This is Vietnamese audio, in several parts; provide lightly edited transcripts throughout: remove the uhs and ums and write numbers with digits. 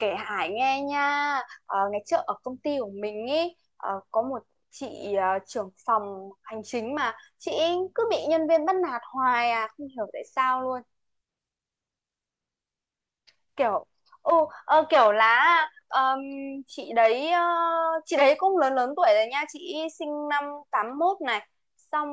Kể Hải nghe nha. Ngày trước ở công ty của mình ý, có một chị, trưởng phòng hành chính, mà chị ấy cứ bị nhân viên bắt nạt hoài, không hiểu tại sao luôn. Kiểu ừ kiểu là, ờm, chị đấy, chị đấy cũng lớn lớn tuổi rồi nha, chị sinh năm 81 này. Xong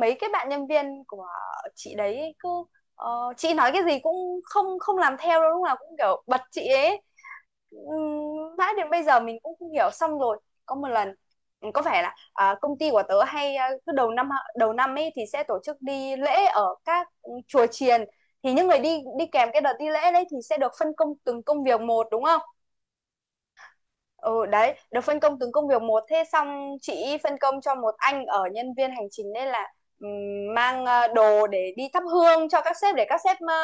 mấy cái bạn nhân viên của chị đấy cứ, chị nói cái gì cũng không không làm theo đâu, lúc nào cũng kiểu bật chị ấy. Mãi đến bây giờ mình cũng không hiểu. Xong rồi có một lần có vẻ là, công ty của tớ hay, cứ đầu năm ấy thì sẽ tổ chức đi lễ ở các chùa chiền. Thì những người đi đi kèm cái đợt đi lễ đấy thì sẽ được phân công từng công việc một, đúng không? Ừ đấy, được phân công từng công việc một, thế xong chị phân công cho một anh ở nhân viên hành chính đấy là mang đồ để đi thắp hương cho các sếp, để các sếp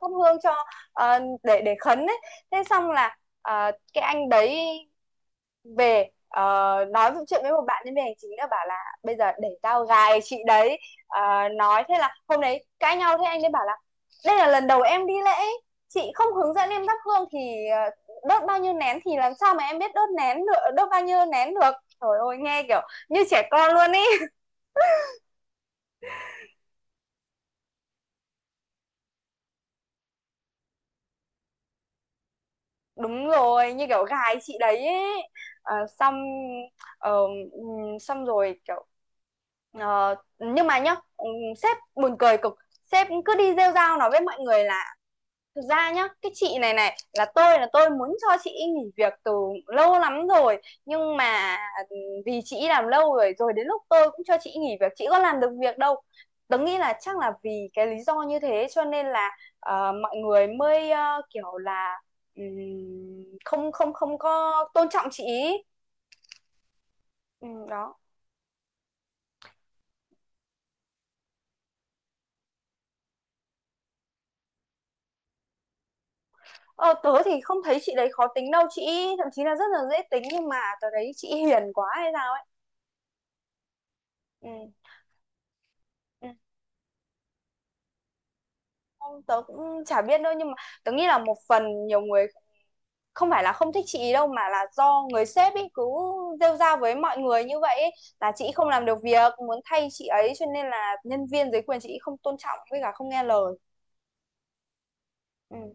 thắp hương, cho để khấn ấy. Thế xong là cái anh đấy về, nói vụ chuyện với một bạn đến về hành chính nữa, bảo là bây giờ để tao gài chị đấy. Nói thế là hôm đấy cãi nhau, thế anh ấy bảo là đây là lần đầu em đi lễ, chị không hướng dẫn em thắp hương thì đốt bao nhiêu nén thì làm sao mà em biết đốt nén được đốt bao nhiêu nén được. Trời ơi, nghe kiểu như trẻ con luôn ý. Đúng rồi, như kiểu gài chị đấy ấy. Xong. ờ, Xong rồi kiểu nhưng mà nhá, sếp buồn cười cực, sếp cứ đi rêu rao nói với mọi người là: Thực ra nhá, cái chị này này là, tôi muốn cho chị ý nghỉ việc từ lâu lắm rồi, nhưng mà ừ, vì chị ý làm lâu rồi rồi đến lúc tôi cũng cho chị ý nghỉ việc, chị có làm được việc đâu. Tớ nghĩ là chắc là vì cái lý do như thế cho nên là mọi người mới kiểu là, ừm, không không không có tôn trọng chị ý. Ừ, đó. Ờ, Tớ thì không thấy chị đấy khó tính đâu, chị ý thậm chí là rất là dễ tính, nhưng mà tớ thấy chị ý hiền quá hay sao ấy. Ừ. Ừ. Không, tớ cũng chả biết đâu, nhưng mà tớ nghĩ là một phần nhiều người không phải là không thích chị ý đâu, mà là do người sếp ấy cứ rêu rao với mọi người như vậy ấy, là chị không làm được việc, muốn thay chị ấy, cho nên là nhân viên dưới quyền chị ý không tôn trọng, với cả không nghe lời. Ừ.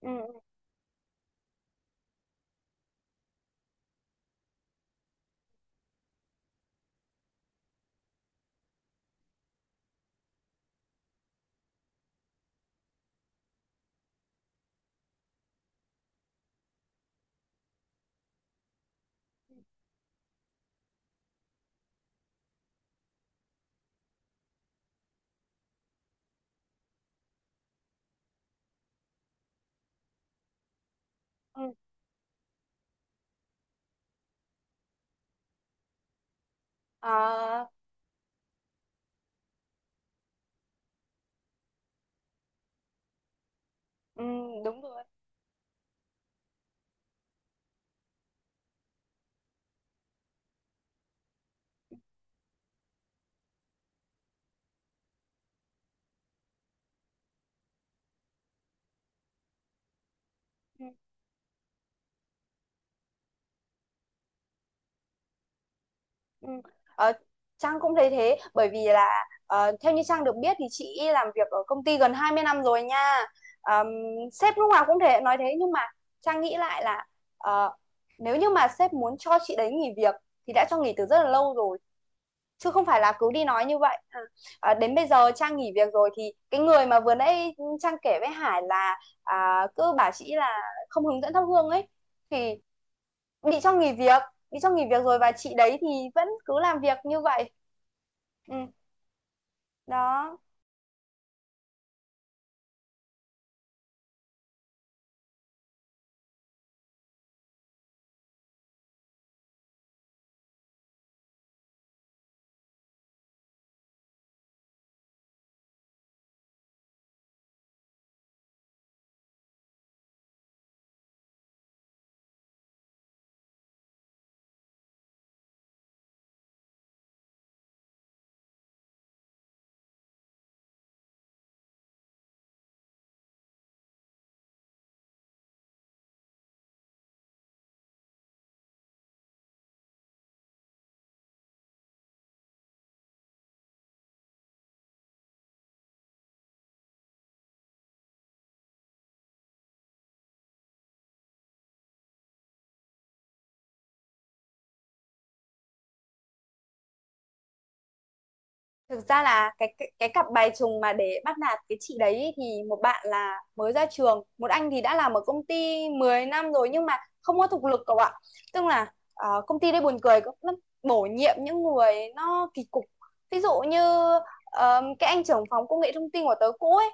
Ừ. Ừ. Ừ. à, ừ, đúng rồi. Ừ. Ừ. Ờ, Trang cũng thấy thế, bởi vì là theo như Trang được biết thì chị làm việc ở công ty gần 20 năm rồi nha. Ờm, Sếp lúc nào cũng thể nói thế, nhưng mà Trang nghĩ lại là ờ, nếu như mà sếp muốn cho chị đấy nghỉ việc thì đã cho nghỉ từ rất là lâu rồi, chứ không phải là cứ đi nói như vậy. Ừ. Đến bây giờ Trang nghỉ việc rồi thì cái người mà vừa nãy Trang kể với Hải là, cứ bảo chị là không hướng dẫn thắp hương ấy, thì bị cho nghỉ việc bị cho nghỉ việc rồi, và chị đấy thì vẫn cứ làm việc như vậy. ừ, Đó. Thực ra là cái cặp bài trùng mà để bắt nạt cái chị đấy ý, thì một bạn là mới ra trường, một anh thì đã làm ở công ty 10 năm rồi, nhưng mà không có thực lực cậu ạ. Tức là công ty đây buồn cười cũng lắm, bổ nhiệm những người nó kỳ cục, ví dụ như cái anh trưởng phòng công nghệ thông tin của tớ cũ ấy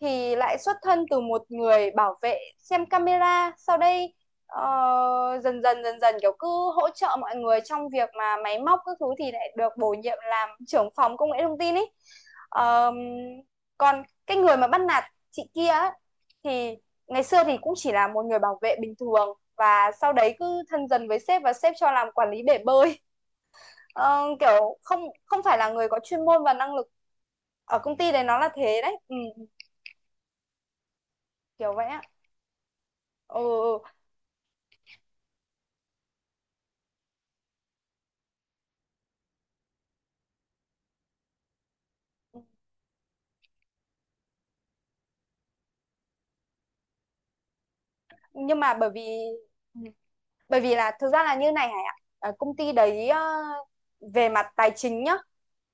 thì lại xuất thân từ một người bảo vệ xem camera sau đây. Dần dần dần dần kiểu cứ hỗ trợ mọi người trong việc mà máy móc các thứ, thì lại được bổ nhiệm làm trưởng phòng công nghệ thông tin ý. Ờm, Còn cái người mà bắt nạt chị kia ấy, thì ngày xưa thì cũng chỉ là một người bảo vệ bình thường, và sau đấy cứ thân dần với sếp và sếp cho làm quản lý bể bơi. Kiểu không không phải là người có chuyên môn và năng lực, ở công ty đấy nó là thế đấy, kiểu vậy á. Ừ. Ừ. nhưng mà bởi vì ừ, Bởi vì là thực ra là như này Hải ạ. Ờ, Công ty đấy về mặt tài chính nhá,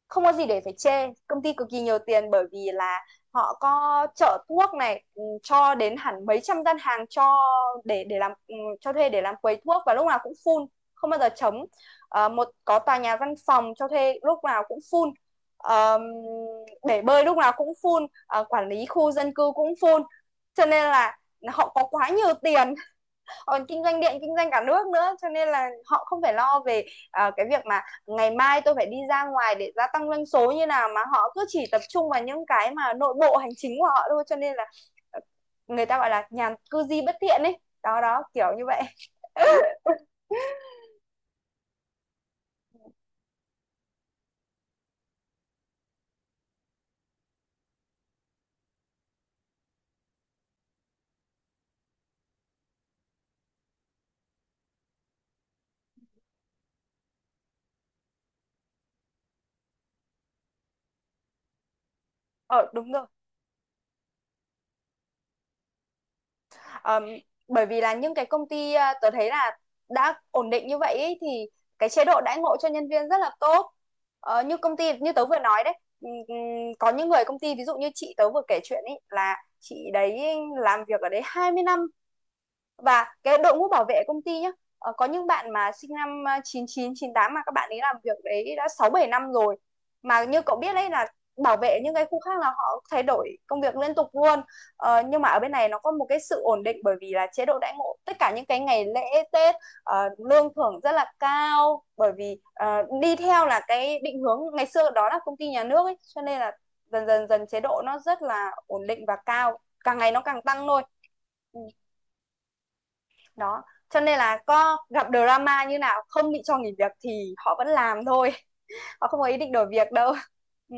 không có gì để phải chê. Công ty cực kỳ nhiều tiền, bởi vì là họ có chợ thuốc này, cho đến hẳn mấy trăm gian hàng cho để làm, cho thuê để làm quầy thuốc, và lúc nào cũng full, không bao giờ trống. Một có tòa nhà văn phòng cho thuê lúc nào cũng full. Ờ, Bể bơi lúc nào cũng full. Ờ, Quản lý khu dân cư cũng full. Cho nên là họ có quá nhiều tiền, còn kinh doanh điện, kinh doanh cả nước nữa, cho nên là họ không phải lo về cái việc mà ngày mai tôi phải đi ra ngoài để gia tăng doanh số như nào, mà họ cứ chỉ tập trung vào những cái mà nội bộ hành chính của họ thôi, cho nên là ờ, người ta gọi là nhàn cư di bất thiện ấy. Đó đó, kiểu như vậy. Ờ Đúng rồi. Ờm, Bởi vì là những cái công ty, tớ thấy là đã ổn định như vậy ý, thì cái chế độ đãi ngộ cho nhân viên rất là tốt. Như công ty như tớ vừa nói đấy, ừm, có những người công ty, ví dụ như chị tớ vừa kể chuyện ấy, là chị đấy làm việc ở đấy 20 năm. Và cái đội ngũ bảo vệ công ty nhá, có những bạn mà sinh năm chín chín 98, mà các bạn ấy làm việc đấy đã 6 7 năm rồi. Mà như cậu biết đấy là bảo vệ những cái khu khác là họ thay đổi công việc liên tục luôn. Nhưng mà ở bên này nó có một cái sự ổn định, bởi vì là chế độ đãi ngộ tất cả những cái ngày lễ Tết, lương thưởng rất là cao, bởi vì đi theo là cái định hướng ngày xưa đó là công ty nhà nước ấy, cho nên là dần dần dần chế độ nó rất là ổn định và cao, càng ngày nó càng tăng thôi. Ừ, đó, cho nên là có gặp drama như nào không bị cho nghỉ việc thì họ vẫn làm thôi. Họ không có ý định đổi việc đâu. Ừ.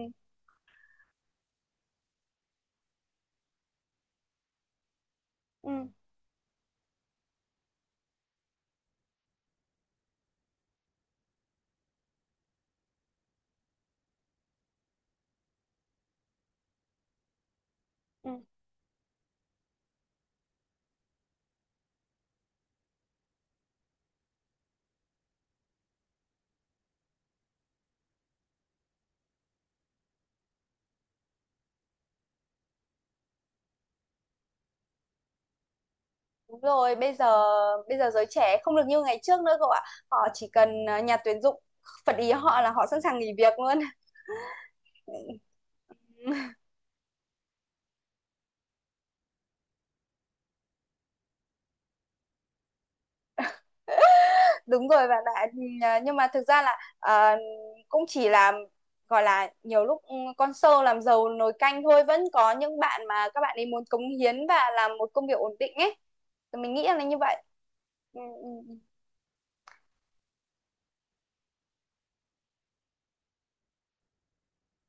Ừ. Ừ. Đúng rồi. Bây giờ giới trẻ không được như ngày trước nữa cậu ạ, họ chỉ cần nhà tuyển dụng phật ý họ là họ sẵn sàng nghỉ việc luôn. Đúng rồi bạn ạ. Ừ, nhưng mà thực ra là, cũng chỉ là gọi là nhiều lúc, con sâu làm rầu nồi canh thôi, vẫn có những bạn mà các bạn ấy muốn cống hiến và làm một công việc ổn định ấy. Thì mình nghĩ là như vậy. Ừ, ừ, ừ.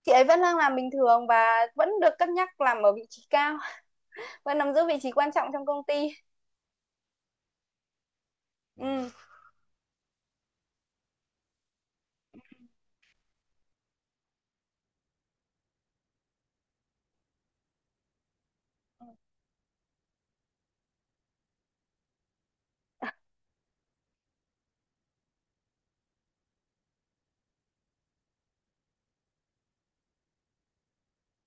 Chị ấy vẫn đang làm bình thường và vẫn được cân nhắc làm ở vị trí cao, vẫn nắm giữ vị trí quan trọng trong công ty. Ừ. Ừ.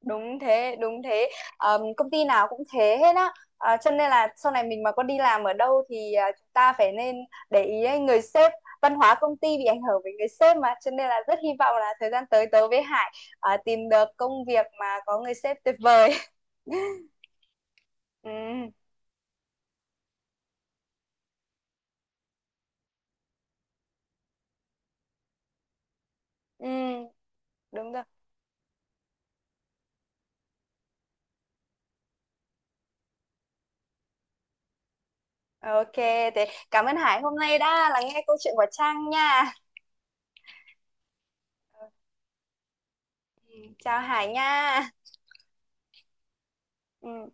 Đúng thế, đúng thế. Công ty nào cũng thế hết á. À, cho nên là sau này mình mà có đi làm ở đâu thì, chúng ta phải nên để ý ấy, người sếp, văn hóa công ty bị ảnh hưởng bởi người sếp mà, cho nên là rất hy vọng là thời gian tới tớ với Hải tìm được công việc mà có người sếp tuyệt vời. Ừ, ừ, đúng rồi. OK, thế cảm ơn Hải hôm nay đã lắng nghe câu chuyện của Trang nha. Ừ, chào Hải nha. Ừ.